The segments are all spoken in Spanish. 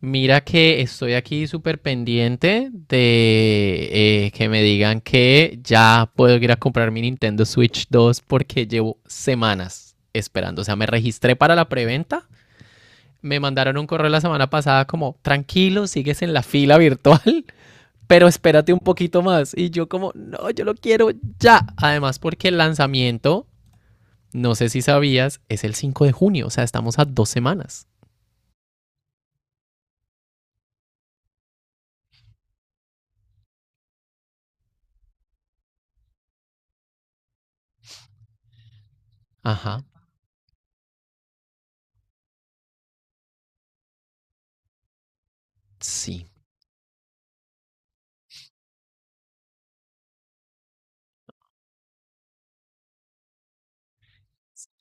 Mira que estoy aquí súper pendiente de que me digan que ya puedo ir a comprar mi Nintendo Switch 2 porque llevo semanas esperando. O sea, me registré para la preventa. Me mandaron un correo la semana pasada como, tranquilo, sigues en la fila virtual, pero espérate un poquito más. Y yo como, no, yo lo quiero ya. Además, porque el lanzamiento, no sé si sabías, es el 5 de junio. O sea, estamos a 2 semanas. Ajá, sí.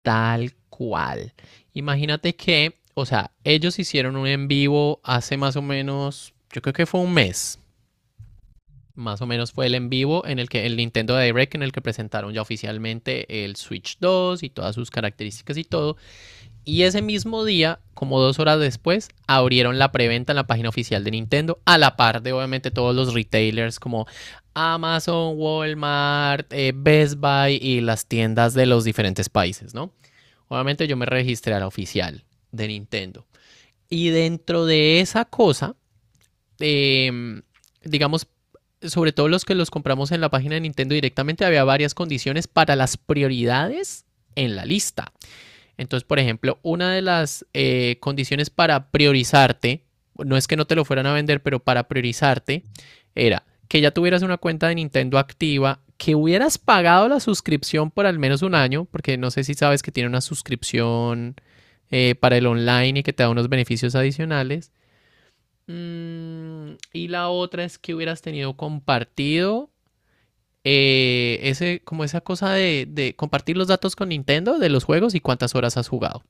Tal cual. Imagínate que, o sea, ellos hicieron un en vivo hace más o menos, yo creo que fue un mes. Más o menos fue el en vivo en el que el Nintendo Direct en el que presentaron ya oficialmente el Switch 2 y todas sus características y todo. Y ese mismo día, como 2 horas después, abrieron la preventa en la página oficial de Nintendo, a la par de obviamente todos los retailers como Amazon, Walmart, Best Buy y las tiendas de los diferentes países, ¿no? Obviamente yo me registré a la oficial de Nintendo. Y dentro de esa cosa, eh, digamos, sobre todo los que los compramos en la página de Nintendo directamente, había varias condiciones para las prioridades en la lista. Entonces, por ejemplo, una de las condiciones para priorizarte, no es que no te lo fueran a vender, pero para priorizarte, era que ya tuvieras una cuenta de Nintendo activa, que hubieras pagado la suscripción por al menos un año, porque no sé si sabes que tiene una suscripción para el online y que te da unos beneficios adicionales. Y la otra es que hubieras tenido compartido ese, como esa cosa de compartir los datos con Nintendo de los juegos y cuántas horas has jugado.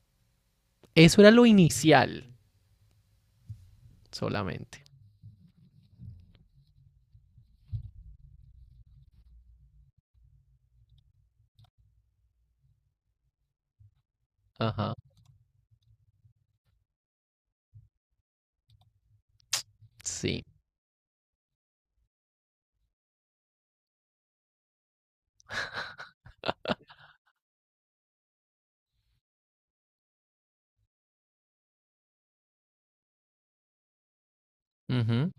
Eso era lo inicial solamente. Ajá. Sí. Ujú.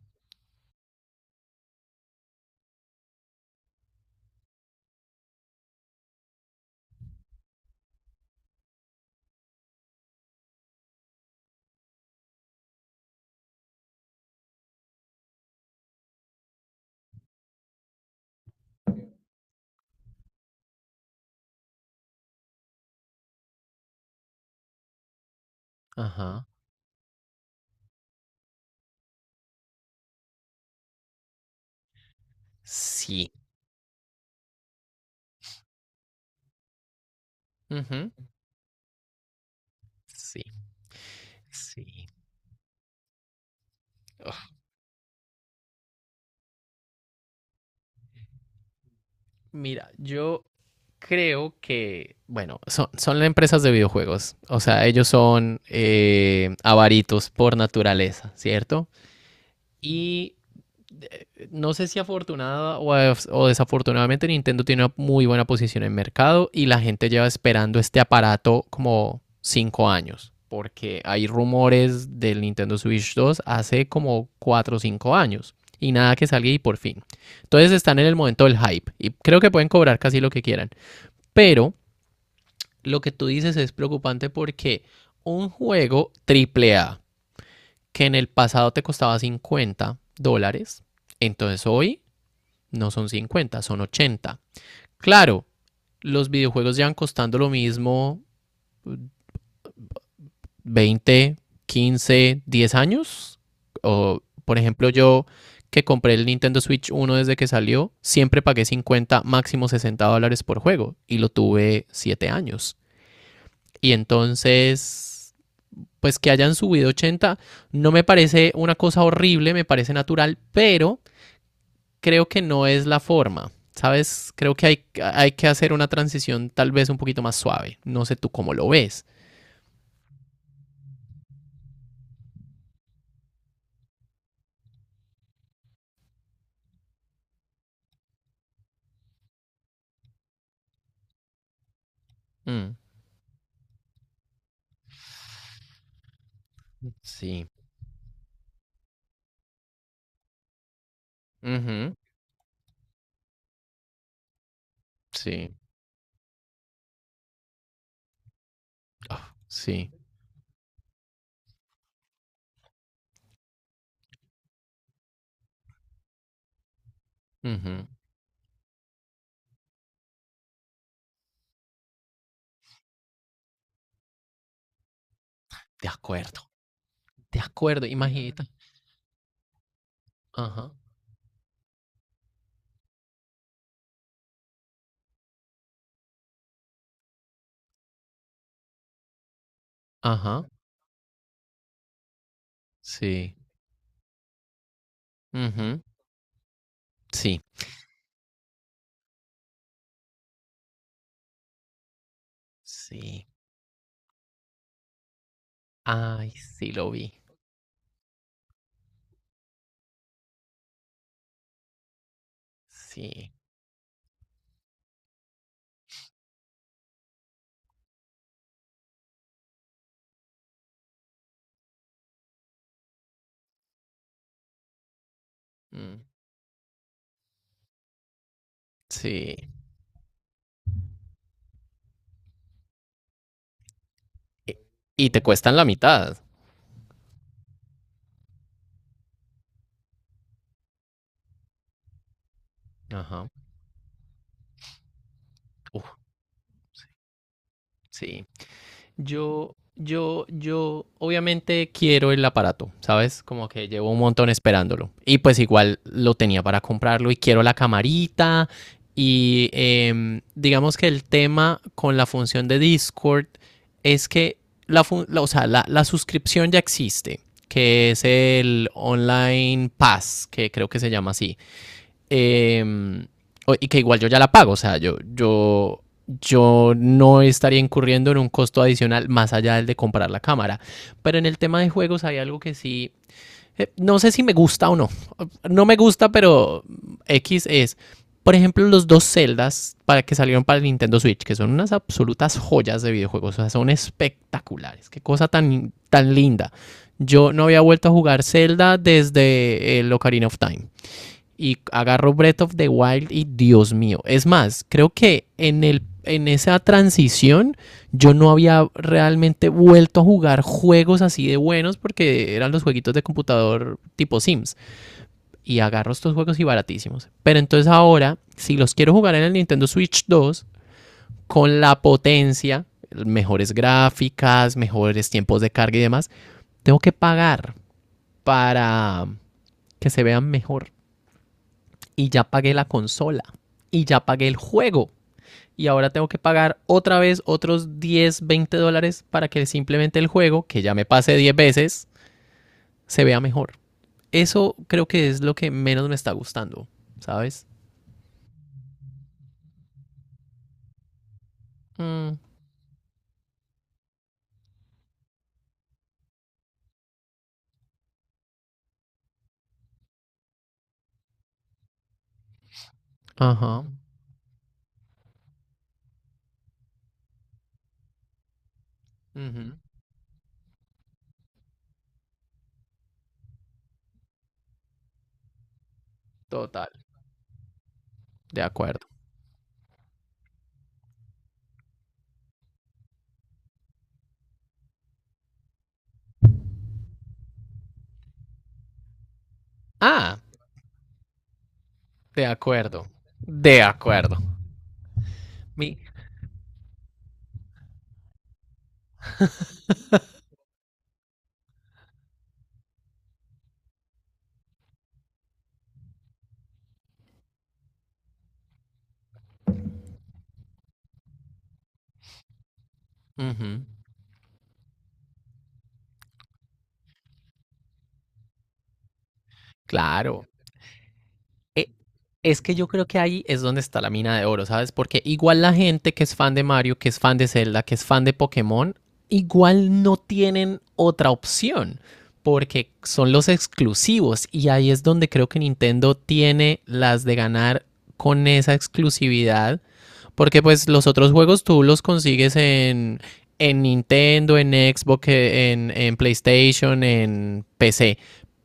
Ajá. Sí. Ujú. Sí, sí. Ugh, mira, yo creo que, bueno, son empresas de videojuegos. O sea, ellos son avaritos por naturaleza, ¿cierto? Y no sé si afortunada o desafortunadamente Nintendo tiene una muy buena posición en mercado y la gente lleva esperando este aparato como 5 años, porque hay rumores del Nintendo Switch 2 hace como 4 o 5 años y nada que salga y por fin. Entonces están en el momento del hype y creo que pueden cobrar casi lo que quieran, pero lo que tú dices es preocupante porque un juego triple A que en el pasado te costaba $50, entonces hoy no son 50, son 80. Claro, los videojuegos llevan costando lo mismo 20, 15, 10 años. O, por ejemplo, yo que compré el Nintendo Switch uno desde que salió, siempre pagué $50 máximo $60 por juego y lo tuve 7 años. Y entonces, pues que hayan subido 80 no me parece una cosa horrible, me parece natural, pero creo que no es la forma. ¿Sabes? Creo que hay que hacer una transición tal vez un poquito más suave. No sé tú cómo lo ves. Mm, sí. Ujú. Sí. Ah, sí. Ujú. De acuerdo. De acuerdo, imagínate. Ajá, ajá. Sí. Ujú. Sí. Sí. Ay, sí lo vi. Sí. Mm, sí. Y, y te cuestan la mitad. Ajá. Uf, sí. Yo obviamente quiero el aparato, ¿sabes? Como que llevo un montón esperándolo. Y pues igual lo tenía para comprarlo y quiero la camarita. Y digamos que el tema con la función de Discord es que o sea, la suscripción ya existe, que es el Online Pass, que creo que se llama así, eh, y que igual yo ya la pago, o sea, yo no estaría incurriendo en un costo adicional más allá del de comprar la cámara. Pero en el tema de juegos hay algo que sí, no sé si me gusta o no, no me gusta, pero X es. Por ejemplo, los dos Zeldas para que salieron para el Nintendo Switch, que son unas absolutas joyas de videojuegos, o sea, son espectaculares. Qué cosa tan, tan linda. Yo no había vuelto a jugar Zelda desde el Ocarina of Time y agarro Breath of the Wild y Dios mío. Es más, creo que en esa transición yo no había realmente vuelto a jugar juegos así de buenos porque eran los jueguitos de computador tipo Sims. Y agarro estos juegos y baratísimos. Pero entonces ahora, si los quiero jugar en el Nintendo Switch 2, con la potencia, mejores gráficas, mejores tiempos de carga y demás, tengo que pagar para que se vean mejor. Y ya pagué la consola y ya pagué el juego. Y ahora tengo que pagar otra vez otros 10 20 dólares para que simplemente el juego, que ya me pase 10 veces, se vea mejor. Eso creo que es lo que menos me está gustando, ¿sabes? Mm, ajá. Ujú. Total. De acuerdo. Ah, de acuerdo. De acuerdo. Mi. Ujú. Claro. Eh, Es que yo creo que ahí es donde está la mina de oro, ¿sabes? Porque igual la gente que es fan de Mario, que es fan de Zelda, que es fan de Pokémon, igual no tienen otra opción, porque son los exclusivos y ahí es donde creo que Nintendo tiene las de ganar con esa exclusividad porque pues los otros juegos tú los consigues en Nintendo, en Xbox, en PlayStation, en PC.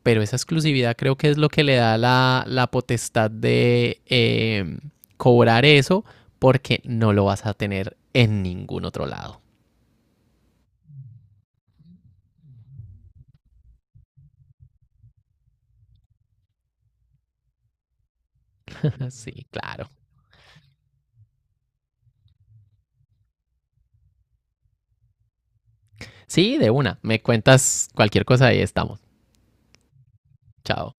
Pero esa exclusividad creo que es lo que le da la potestad de cobrar eso porque no lo vas a tener en ningún otro lado. Sí, claro. Sí, de una. Me cuentas cualquier cosa y estamos. Chao.